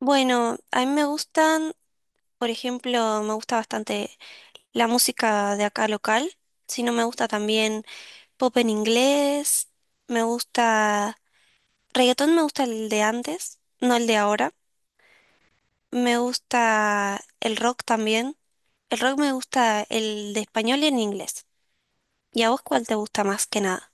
Bueno, a mí me gustan, por ejemplo, me gusta bastante la música de acá local, si no me gusta también pop en inglés, me gusta reggaetón, me gusta el de antes, no el de ahora, me gusta el rock también, el rock me gusta el de español y en inglés. ¿Y a vos cuál te gusta más que nada?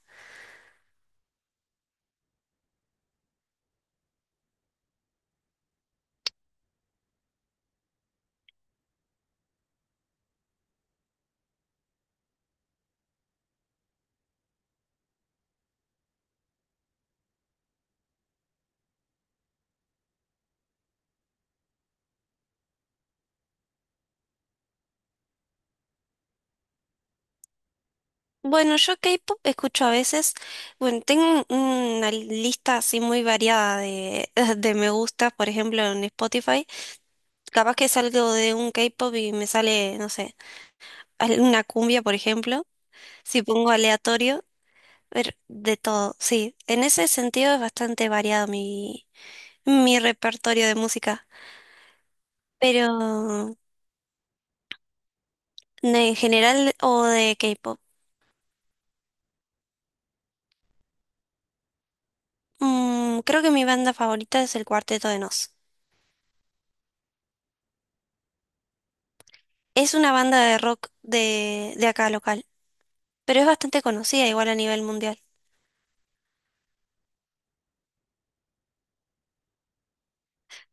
Bueno, yo K-pop escucho a veces, bueno, tengo una lista así muy variada de me gusta, por ejemplo, en Spotify. Capaz que salgo de un K-pop y me sale, no sé, una cumbia, por ejemplo. Si pongo aleatorio, ver de todo. Sí, en ese sentido es bastante variado mi repertorio de música. Pero en general o de K-pop. Mm, creo que mi banda favorita es el Cuarteto de Nos. Es una banda de rock de acá local, pero es bastante conocida igual a nivel mundial.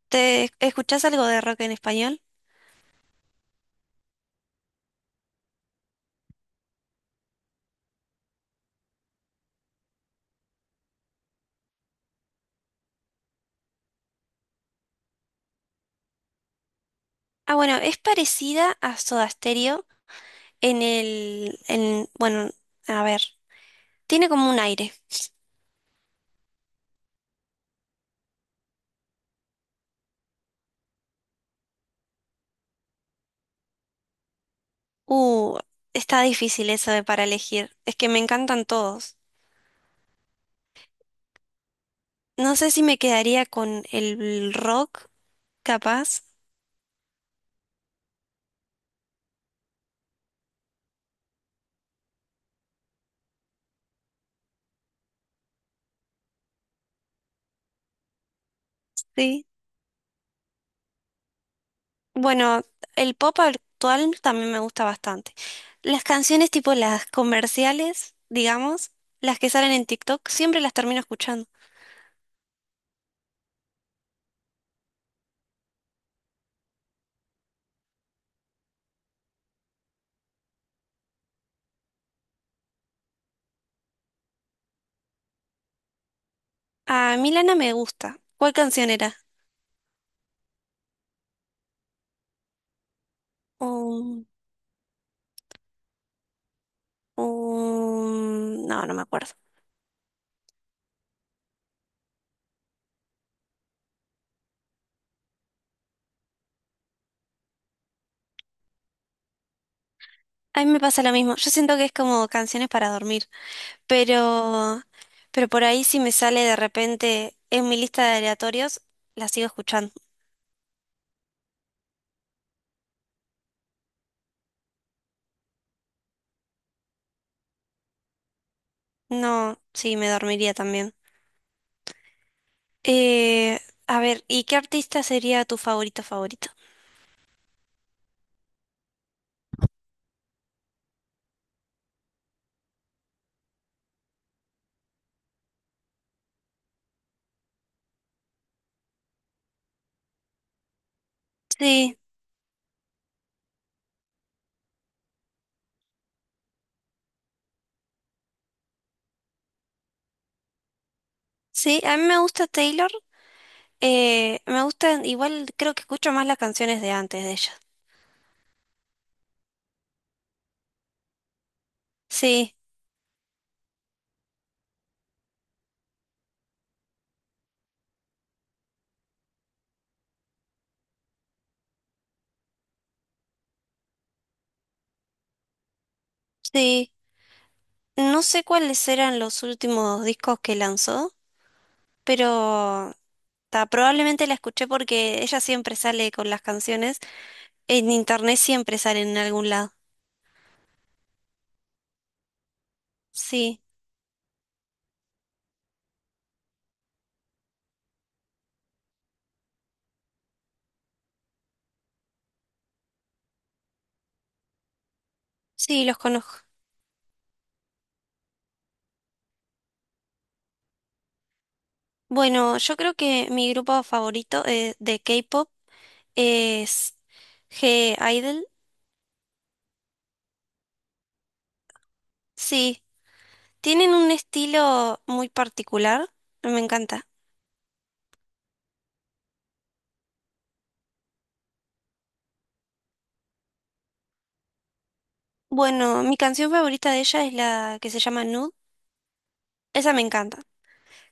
¿Te escuchás algo de rock en español? Ah, bueno, es parecida a Soda Stereo. Bueno, a ver, tiene como un aire. Uh, Está difícil eso de para elegir. Es que me encantan todos. No sé si me quedaría con el rock, capaz. Sí. Bueno, el pop actual también me gusta bastante. Las canciones tipo las comerciales, digamos, las que salen en TikTok, siempre las termino escuchando. A Milana me gusta. ¿Cuál canción era? Um, no, no me acuerdo. A mí me pasa lo mismo. Yo siento que es como canciones para dormir, pero, pero por ahí si me sale de repente en mi lista de aleatorios, la sigo escuchando. No, sí, me dormiría también. Eh, a ver, ¿y qué artista sería tu favorito favorito? Sí, sí, a mí me gusta Taylor. Me gustan, igual creo que escucho más las canciones de antes de ella. Sí, sí. No sé cuáles eran los últimos discos que lanzó, pero ta, probablemente la escuché porque ella siempre sale con las canciones. En internet siempre salen en algún lado. Sí, sí, los conozco. Bueno, yo creo que mi grupo favorito de K-pop es G-Idol. Sí, tienen un estilo muy particular. Me encanta. Bueno, mi canción favorita de ella es la que se llama Nude. Esa me encanta.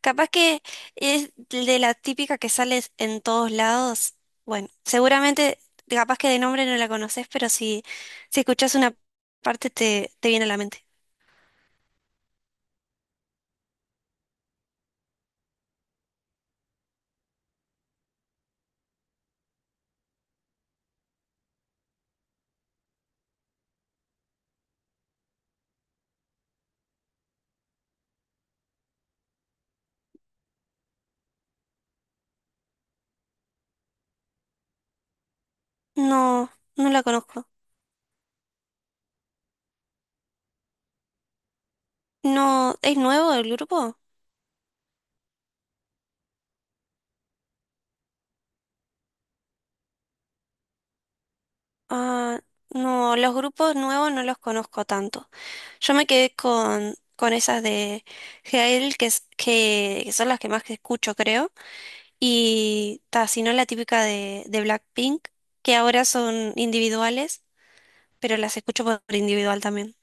Capaz que es de la típica que sales en todos lados. Bueno, seguramente, capaz que de nombre no la conoces, pero si escuchas una parte te viene a la mente. No, no la conozco. No, ¿es nuevo el grupo? Ah, no, los grupos nuevos no los conozco tanto. Yo me quedé con esas de Gael, que son las que más que escucho, creo. Y ta, si no la típica de Blackpink, que ahora son individuales. Pero las escucho por individual también.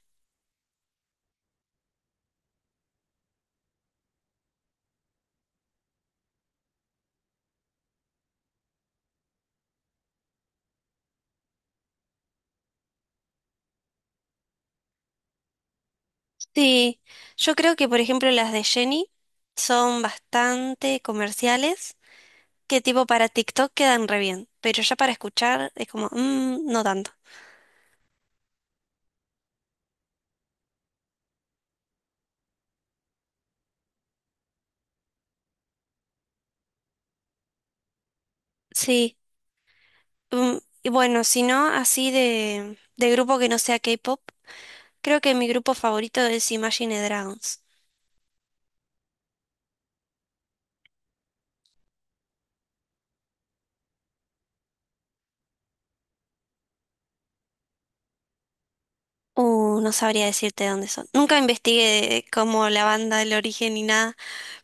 Sí, yo creo que por ejemplo las de Jenny son bastante comerciales, que tipo para TikTok quedan re bien, pero ya para escuchar es como, "Mm, no tanto". Sí, mm, y bueno, si no, así de grupo que no sea K-pop, creo que mi grupo favorito es Imagine Dragons. No sabría decirte dónde son. Nunca investigué como la banda, el origen ni nada,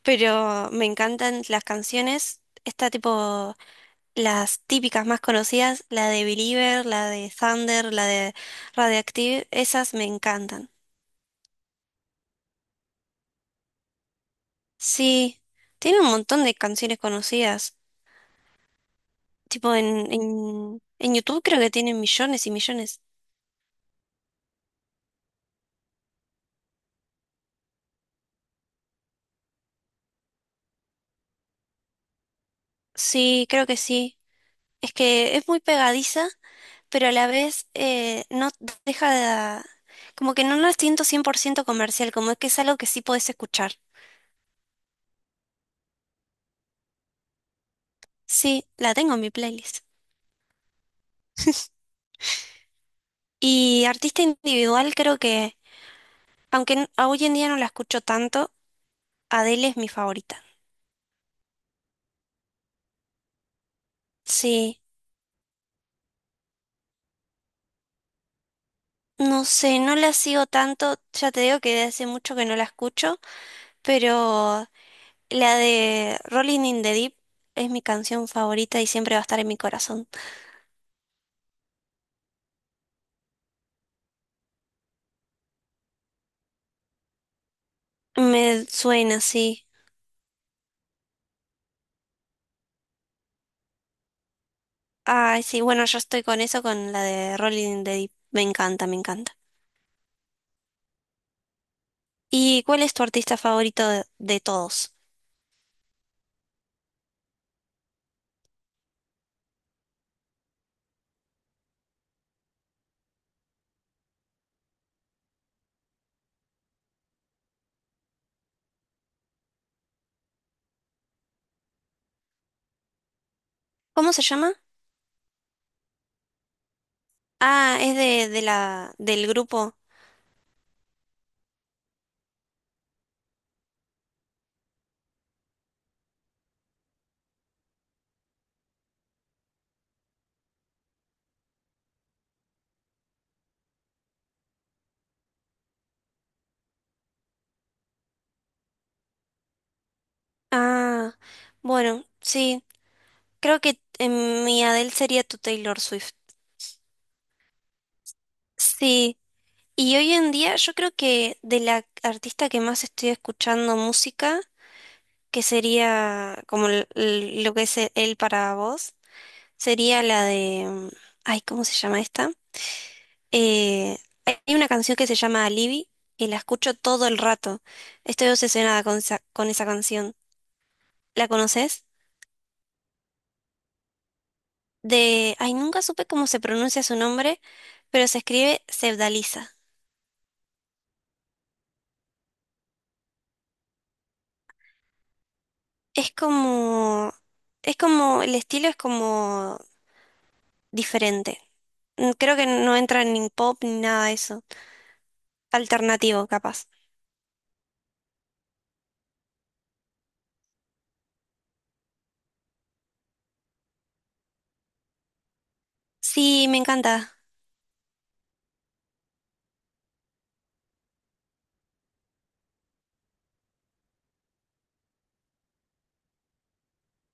pero me encantan las canciones. Está tipo las típicas más conocidas, la de Believer, la de Thunder, la de Radioactive, esas me encantan. Sí, tiene un montón de canciones conocidas. Tipo en YouTube creo que tienen millones y millones. Sí, creo que sí. Es que es muy pegadiza, pero a la vez no deja de... Como que no la siento 100% comercial, como es que es algo que sí podés escuchar. Sí, la tengo en mi playlist. Y artista individual creo que... Aunque n- a hoy en día no la escucho tanto, Adele es mi favorita. Sí, no sé, no la sigo tanto, ya te digo que de hace mucho que no la escucho, pero la de Rolling in the Deep es mi canción favorita y siempre va a estar en mi corazón. Me suena, sí. Ay, sí, bueno, yo estoy con eso, con la de Rolling in the Deep. Me encanta, me encanta. ¿Y cuál es tu artista favorito de todos? ¿Cómo se llama? Ah, es del grupo. Ah, bueno, sí. Creo que mi Adele sería tu Taylor Swift. Sí, y hoy en día yo creo que de la artista que más estoy escuchando música, que sería como lo que es él para vos, sería la de... mm, ay, ¿cómo se llama esta? Eh, Hay una canción que se llama Alibi y la escucho todo el rato. Estoy obsesionada con esa canción. ¿La conoces? De... Ay, nunca supe cómo se pronuncia su nombre, pero se escribe Sevdaliza. Es como, es como, el estilo es como diferente. Mm, creo que no entra ni pop ni nada de eso. Alternativo, capaz. Sí, me encanta.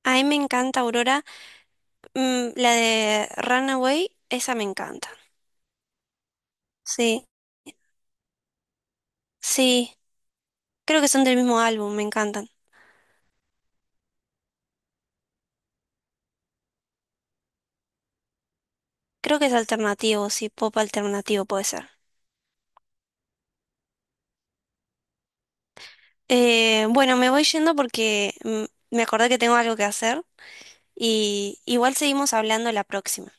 A mí me encanta Aurora. Mm, la de Runaway, esa me encanta. Sí, sí. Creo que son del mismo álbum, me encantan. Creo que es alternativo, sí, pop alternativo puede ser. Bueno, me voy yendo porque mm, me acordé que tengo algo que hacer y igual seguimos hablando la próxima.